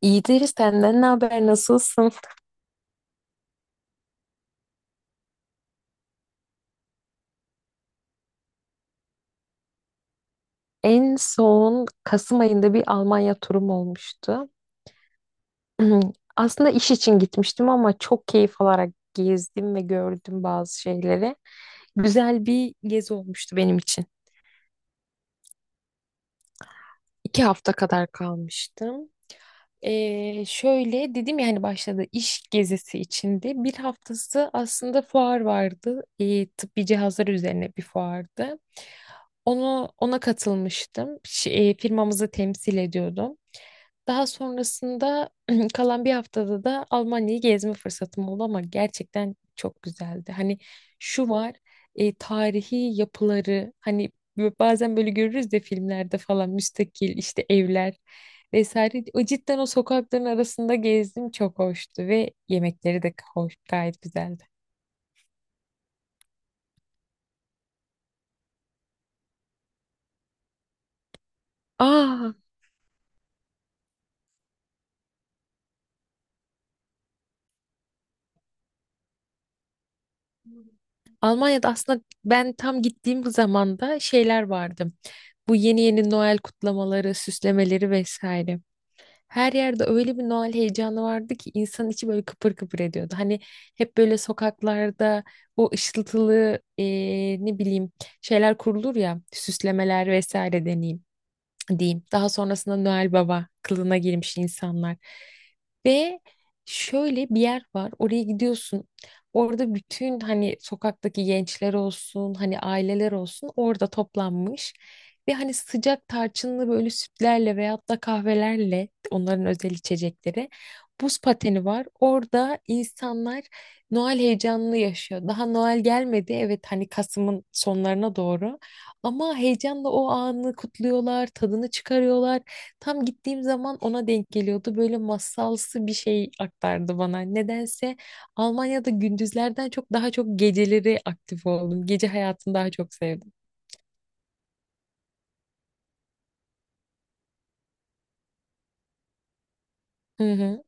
İyidir, senden ne haber, nasılsın? En son Kasım ayında bir Almanya turum olmuştu. Aslında iş için gitmiştim ama çok keyif alarak gezdim ve gördüm bazı şeyleri. Güzel bir gezi olmuştu benim için. İki hafta kadar kalmıştım. Şöyle dedim ya, hani başladı iş gezisi içinde. Bir haftası aslında fuar vardı. Tıbbi cihazlar üzerine bir fuardı. Ona katılmıştım. Firmamızı temsil ediyordum. Daha sonrasında kalan bir haftada da Almanya'yı gezme fırsatım oldu, ama gerçekten çok güzeldi. Hani şu var, tarihi yapıları, hani bazen böyle görürüz de filmlerde falan, müstakil işte evler vesaire. O cidden, o sokakların arasında gezdim, çok hoştu ve yemekleri de hoş, gayet güzeldi. Aa, Almanya'da aslında ben tam gittiğim zamanda şeyler vardı. Bu yeni yeni Noel kutlamaları, süslemeleri vesaire. Her yerde öyle bir Noel heyecanı vardı ki insanın içi böyle kıpır kıpır ediyordu. Hani hep böyle sokaklarda o ışıltılı ne bileyim, şeyler kurulur ya, süslemeler vesaire, deneyim diyeyim. Daha sonrasında Noel Baba kılığına girmiş insanlar. Ve şöyle bir yer var. Oraya gidiyorsun. Orada bütün hani sokaktaki gençler olsun, hani aileler olsun, orada toplanmış. Ve hani sıcak tarçınlı böyle sütlerle veyahut da kahvelerle, onların özel içecekleri. Buz pateni var. Orada insanlar Noel heyecanını yaşıyor. Daha Noel gelmedi. Evet, hani Kasım'ın sonlarına doğru. Ama heyecanla o anı kutluyorlar, tadını çıkarıyorlar. Tam gittiğim zaman ona denk geliyordu. Böyle masalsı bir şey aktardı bana. Nedense Almanya'da gündüzlerden çok daha çok geceleri aktif oldum. Gece hayatını daha çok sevdim. Hı hı.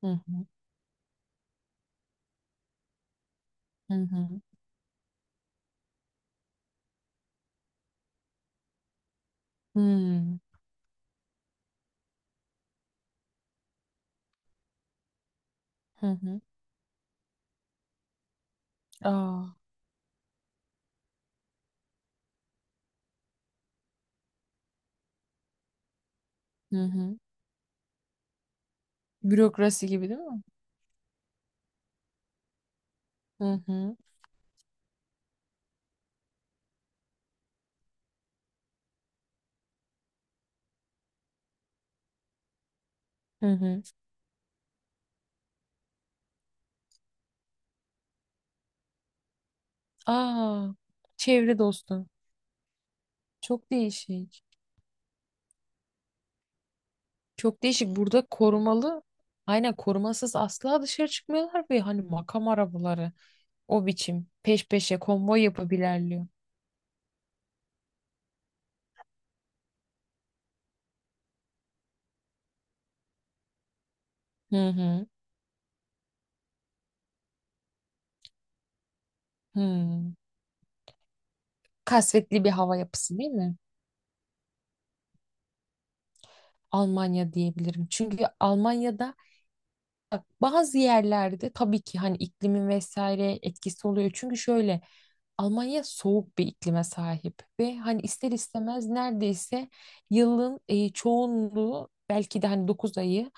Hı hı. Hı hı. Hmm. Hı hı. Aa. Hı hı. Bürokrasi gibi değil mi? Hı hı. Hı hı. Aa. Çevre dostu. Çok değişik. Çok değişik. Burada korumalı, aynen, korumasız asla dışarı çıkmıyorlar ve hani makam arabaları o biçim peş peşe konvoy yapıp ilerliyor. Hı hı. Hı. Kasvetli bir hava yapısı değil mi? Almanya diyebilirim. Çünkü Almanya'da, bak, bazı yerlerde tabii ki hani iklimin vesaire etkisi oluyor. Çünkü şöyle, Almanya soğuk bir iklime sahip ve hani ister istemez neredeyse yılın çoğunluğu, belki de hani 9 ayı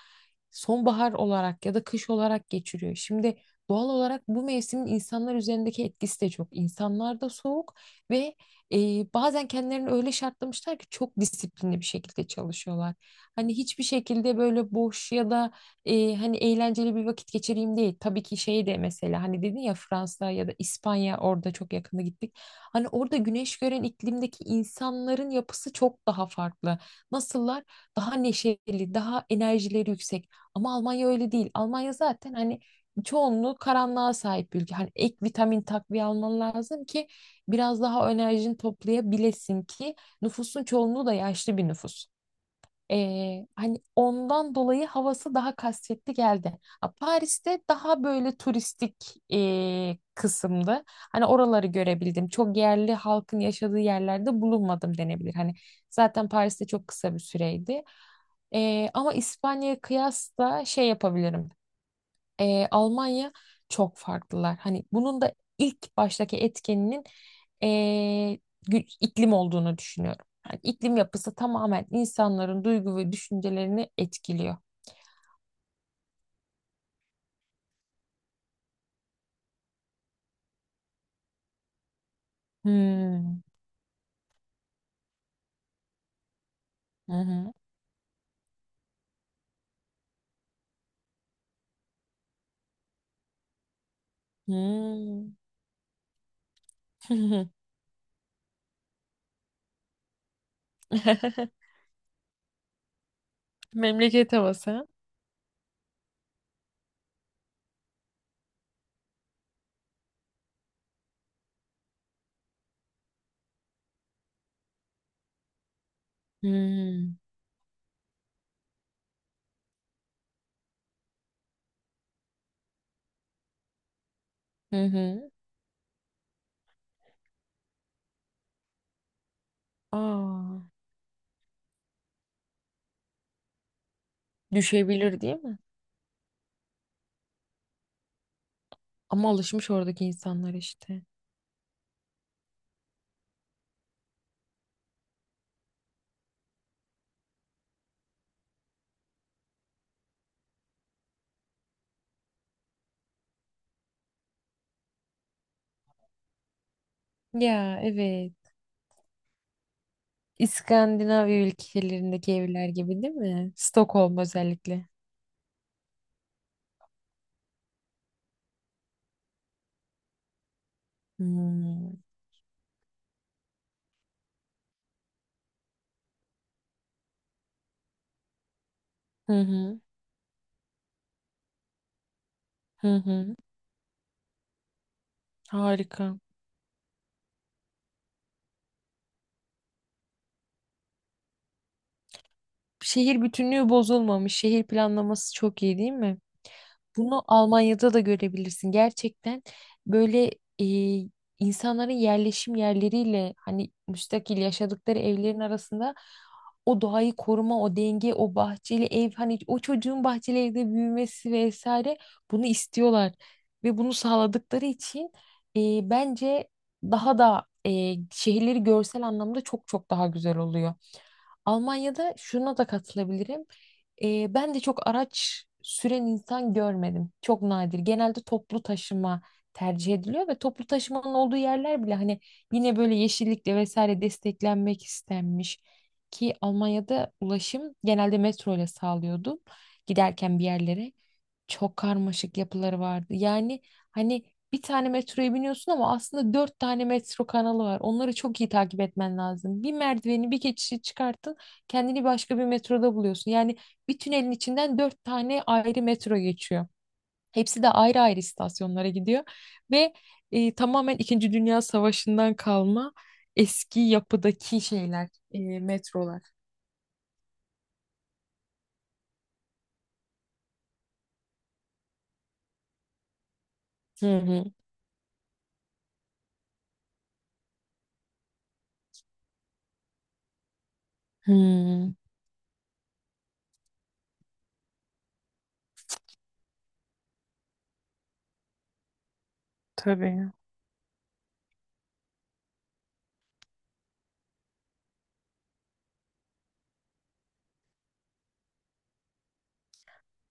sonbahar olarak ya da kış olarak geçiriyor. Şimdi doğal olarak bu mevsimin insanlar üzerindeki etkisi de çok. İnsanlar da soğuk ve e, bazen kendilerini öyle şartlamışlar ki çok disiplinli bir şekilde çalışıyorlar. Hani hiçbir şekilde böyle boş ya da hani eğlenceli bir vakit geçireyim değil. Tabii ki şey de, mesela hani dedin ya, Fransa ya da İspanya, orada çok yakında gittik. Hani orada güneş gören iklimdeki insanların yapısı çok daha farklı. Nasıllar? Daha neşeli, daha enerjileri yüksek. Ama Almanya öyle değil. Almanya zaten hani çoğunluğu karanlığa sahip bir ülke. Hani ek vitamin takviye alman lazım ki biraz daha enerjini toplayabilesin, ki nüfusun çoğunluğu da yaşlı bir nüfus. Hani ondan dolayı havası daha kasvetli geldi. Ha, Paris'te daha böyle turistik kısımdı. Hani oraları görebildim. Çok yerli halkın yaşadığı yerlerde bulunmadım denebilir. Hani zaten Paris'te çok kısa bir süreydi. Ama İspanya'ya kıyasla şey yapabilirim, Almanya çok farklılar. Hani bunun da ilk baştaki etkeninin, e, iklim olduğunu düşünüyorum. Yani iklim yapısı tamamen insanların duygu ve düşüncelerini etkiliyor. Hmm. Hı hı. Hmm. Memleket havası. Hmm. Hı hı. Aa, düşebilir değil mi? Ama alışmış oradaki insanlar işte. Ya evet. İskandinav ülkelerindeki evler gibi değil mi? Stockholm özellikle. Hmm. Hı hı. Hı hı. Harika. Şehir bütünlüğü bozulmamış. Şehir planlaması çok iyi değil mi? Bunu Almanya'da da görebilirsin. Gerçekten böyle e, insanların yerleşim yerleriyle hani müstakil yaşadıkları evlerin arasında o doğayı koruma, o denge, o bahçeli ev, hani o çocuğun bahçeli evde büyümesi vesaire, bunu istiyorlar. Ve bunu sağladıkları için e, bence daha da şehirleri görsel anlamda çok çok daha güzel oluyor. Almanya'da şuna da katılabilirim. Ben de çok araç süren insan görmedim. Çok nadir. Genelde toplu taşıma tercih ediliyor ve toplu taşımanın olduğu yerler bile hani yine böyle yeşillikle vesaire desteklenmek istenmiş. Ki Almanya'da ulaşım genelde metro ile sağlıyordum, giderken bir yerlere. Çok karmaşık yapıları vardı. Yani hani bir tane metroya biniyorsun ama aslında dört tane metro kanalı var. Onları çok iyi takip etmen lazım. Bir merdiveni, bir geçişi çıkarttın, kendini başka bir metroda buluyorsun. Yani bir tünelin içinden dört tane ayrı metro geçiyor. Hepsi de ayrı ayrı istasyonlara gidiyor. Ve tamamen İkinci Dünya Savaşı'ndan kalma eski yapıdaki şeyler, metrolar. Hı hı. Hmm, tabii.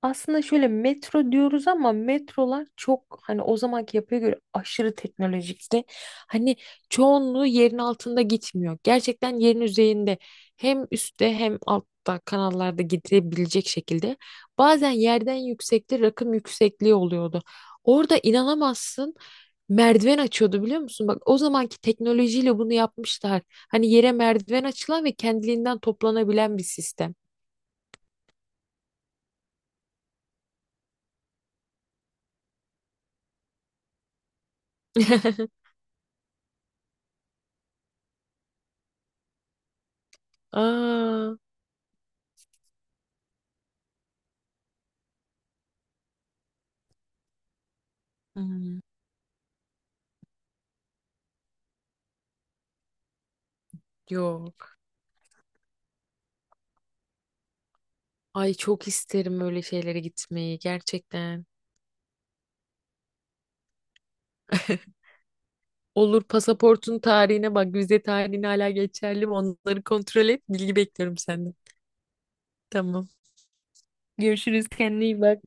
Aslında şöyle, metro diyoruz ama metrolar çok hani o zamanki yapıya göre aşırı teknolojikti. Hani çoğunluğu yerin altında gitmiyor. Gerçekten yerin üzerinde, hem üstte hem altta kanallarda gidebilecek şekilde. Bazen yerden yüksekte rakım yüksekliği oluyordu. Orada inanamazsın, merdiven açıyordu, biliyor musun? Bak, o zamanki teknolojiyle bunu yapmışlar. Hani yere merdiven açılan ve kendiliğinden toplanabilen bir sistem. Aa. Hmm. Yok. Ay, çok isterim öyle şeylere gitmeyi gerçekten. Olur, pasaportun tarihine bak, vize tarihine, hala geçerli mi? Onları kontrol et. Bilgi bekliyorum senden. Tamam. Görüşürüz. Kendine iyi bak.